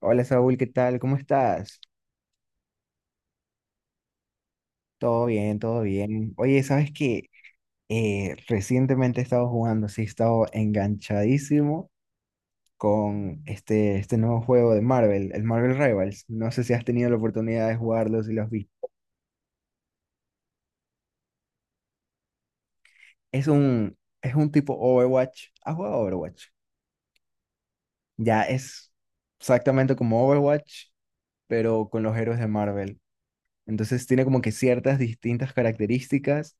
Hola Saúl, ¿qué tal? ¿Cómo estás? Todo bien, todo bien. Oye, ¿sabes qué? Recientemente he estado jugando, sí, he estado enganchadísimo con este nuevo juego de Marvel, el Marvel Rivals. No sé si has tenido la oportunidad de jugarlo, si lo has visto. Es un tipo Overwatch. ¿Has jugado Overwatch? Ya es exactamente como Overwatch, pero con los héroes de Marvel. Entonces tiene como que ciertas distintas características,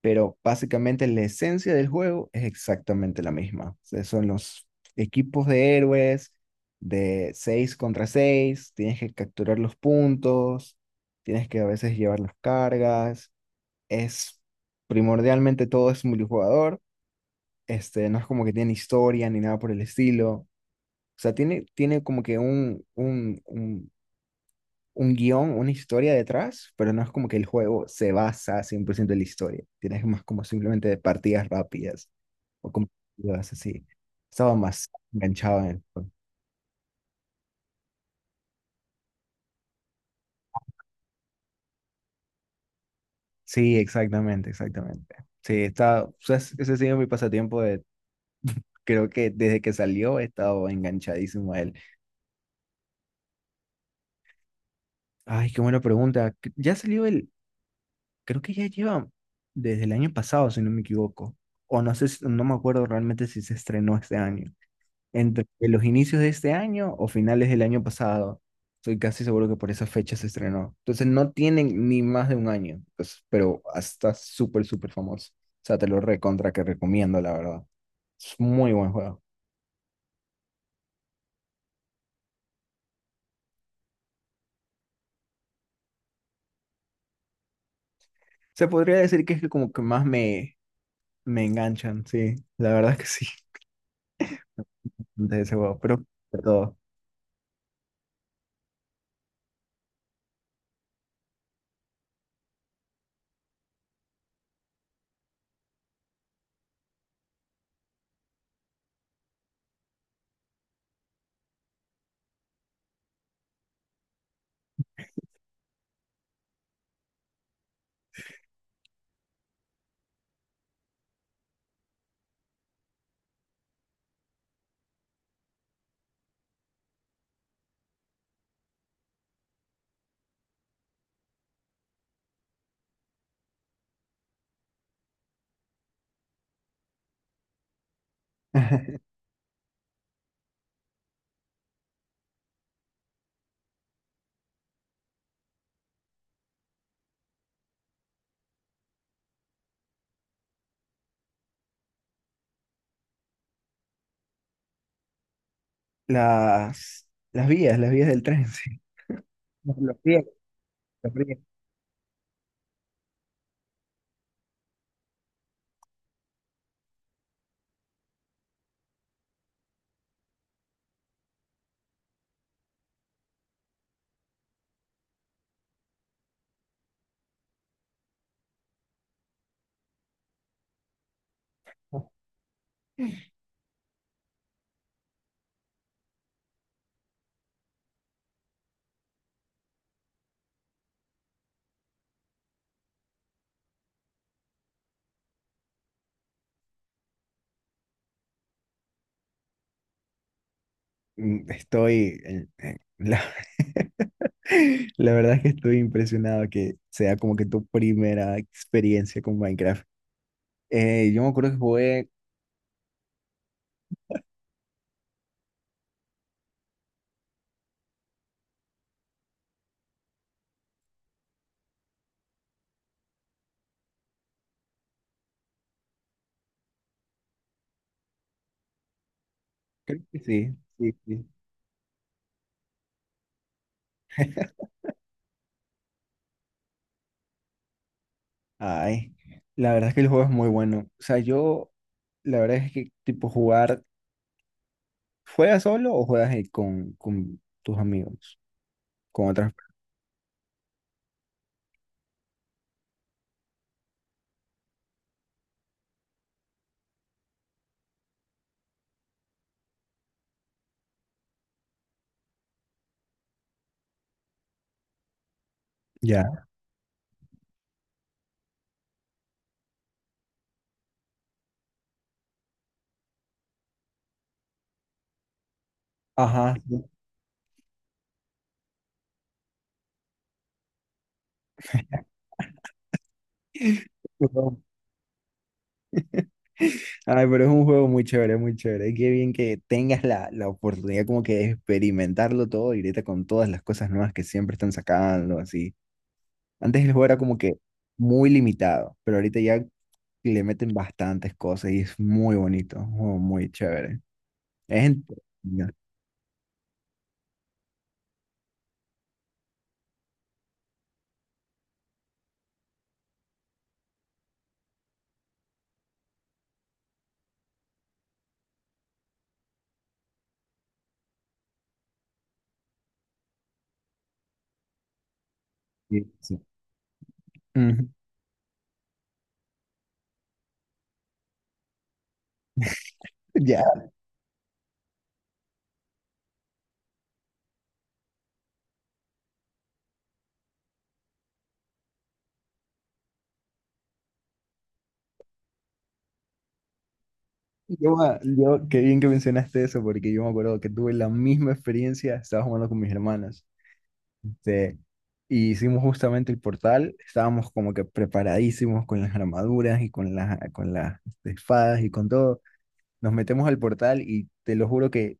pero básicamente la esencia del juego es exactamente la misma. O sea, son los equipos de héroes de 6 contra 6. Tienes que capturar los puntos, tienes que a veces llevar las cargas, es primordialmente todo es multijugador. No es como que tiene historia ni nada por el estilo. O sea, tiene como que un guión, una historia detrás, pero no es como que el juego se basa 100% en la historia. Tienes más como simplemente de partidas rápidas o como partidas así. Estaba más enganchado en el juego. Sí, exactamente, exactamente. Sí, está, o sea, ese ha sido mi pasatiempo de, creo que desde que salió he estado enganchadísimo a él. Ay, qué buena pregunta. Ya salió el, creo que ya lleva desde el año pasado, si no me equivoco. O no sé, no me acuerdo realmente si se estrenó este año, entre los inicios de este año o finales del año pasado. Estoy casi seguro que por esa fecha se estrenó. Entonces no tienen ni más de un año, pues, pero está súper, súper famoso. O sea, te lo recontra que recomiendo, la verdad. Es muy buen juego. Se podría decir que es el como que más me enganchan, sí. La verdad es que sí, de ese juego, pero de todo. Las vías, las vías del tren, sí. Los pies, los pies. Estoy, en- la, la verdad es que estoy impresionado que sea como que tu primera experiencia con Minecraft. Yo me acuerdo que jugué, creo que sí, sí, sí. Ay, la verdad es que el juego es muy bueno. O sea, la verdad es que tipo jugar, ¿juegas solo o juegas con tus amigos, con otras? Ya. Ajá. Perdón. Ay, pero es un juego muy chévere, muy chévere. Y qué bien que tengas la oportunidad como que de experimentarlo todo y ahorita con todas las cosas nuevas que siempre están sacando, así. Antes el juego era como que muy limitado, pero ahorita ya le meten bastantes cosas y es muy bonito, un juego muy chévere. Es entretenido. Sí, sí. Ujú. Ya, qué bien que mencionaste eso, porque yo me acuerdo que tuve la misma experiencia, estaba jugando con mis hermanas. Este, y hicimos justamente el portal, estábamos como que preparadísimos con las armaduras y con las espadas y con todo. Nos metemos al portal y te lo juro que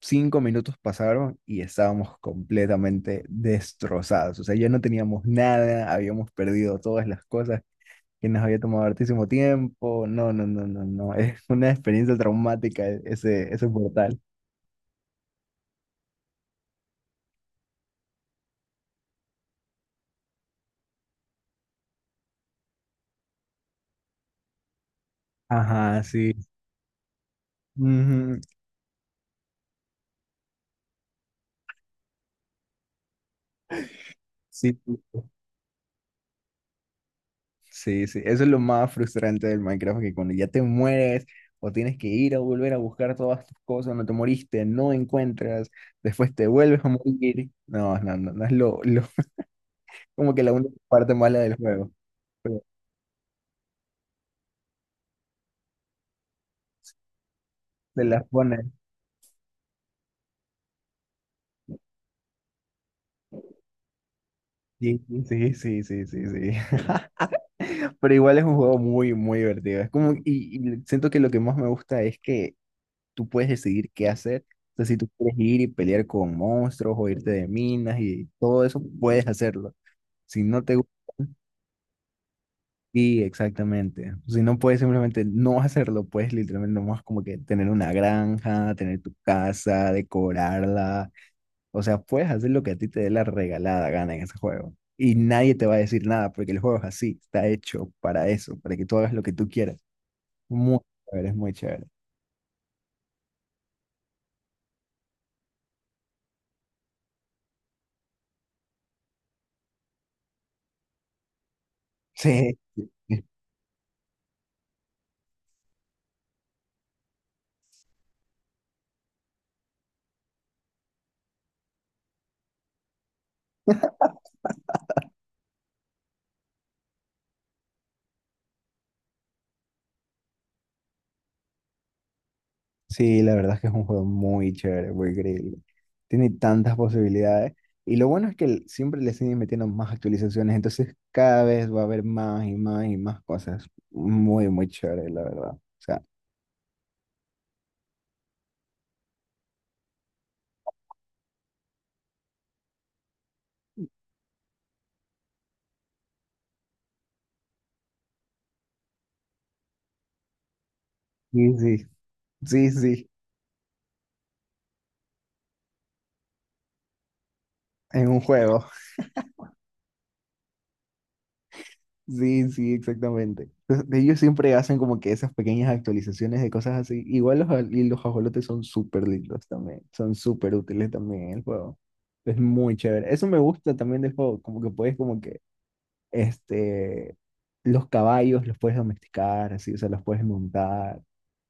5 minutos pasaron y estábamos completamente destrozados. O sea, ya no teníamos nada, habíamos perdido todas las cosas que nos había tomado hartísimo tiempo. No, no, no, no, no. Es una experiencia traumática, ese portal. Ajá, sí. Ujú. Sí, sí. Sí, sí, eso es lo más frustrante del Minecraft, que cuando ya te mueres o tienes que ir a volver a buscar todas tus cosas, no te moriste, no encuentras, después te vuelves a morir. No, no, no, no es como que la única parte mala del juego, pero te las pones. Sí, sí, sí, sí, sí, sí. Pero igual es un juego muy, muy divertido. Es como, y siento que lo que más me gusta es que tú puedes decidir qué hacer. O sea, si tú quieres ir y pelear con monstruos o irte de minas y todo eso, puedes hacerlo. Si no te Sí, exactamente. Si no puedes simplemente no hacerlo, puedes literalmente nomás como que tener una granja, tener tu casa, decorarla. O sea, puedes hacer lo que a ti te dé la regalada gana en ese juego. Y nadie te va a decir nada porque el juego es así, está hecho para eso, para que tú hagas lo que tú quieras. Muy chévere, es muy chévere. Sí. Sí, la verdad es que es un juego muy chévere, muy increíble. Tiene tantas posibilidades. Y lo bueno es que siempre le siguen metiendo más actualizaciones, entonces cada vez va a haber más y más y más cosas. Muy, muy chévere, la verdad. O sea, sí, sí, sí, sí, en un juego. Sí, sí, exactamente. Entonces, ellos siempre hacen como que esas pequeñas actualizaciones de cosas así. Igual los, aj- y los ajolotes son súper lindos también, son súper útiles también en el juego. Es muy chévere. Eso me gusta también del juego, como que puedes Este, los caballos los puedes domesticar, así, o sea, los puedes montar.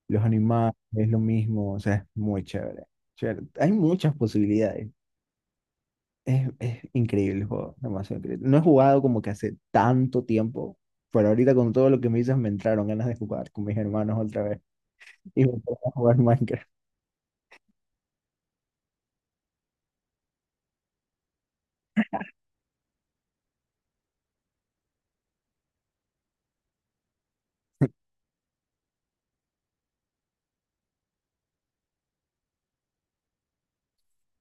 Los animales es lo mismo, o sea, es muy chévere. Chévere. Hay muchas posibilidades. Es increíble el juego, demasiado increíble. No he jugado como que hace tanto tiempo, pero ahorita con todo lo que me dices me entraron ganas de jugar con mis hermanos otra vez y me voy a jugar Minecraft.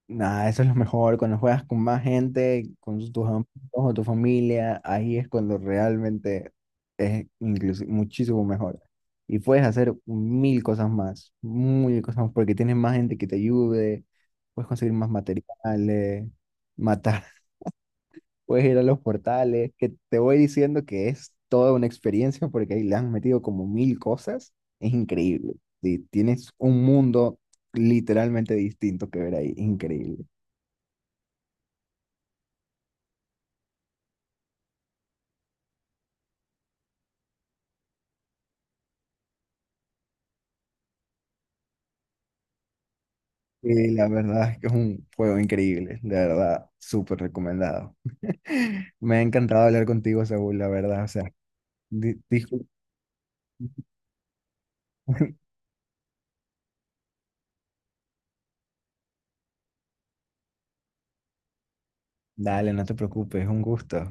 Nada, eso es lo mejor. Cuando juegas con más gente, con tus amigos o tu familia, ahí es cuando realmente es incluso muchísimo mejor. Y puedes hacer mil cosas más, porque tienes más gente que te ayude, puedes conseguir más materiales, matar, puedes ir a los portales, que te voy diciendo que es toda una experiencia porque ahí le han metido como mil cosas. Es increíble. Sí, tienes un mundo literalmente distinto que ver ahí, increíble. Y la verdad es que es un juego increíble, de verdad, súper recomendado. Me ha encantado hablar contigo, Saúl, la verdad, o sea, di- discul- Dale, no te preocupes, es un gusto.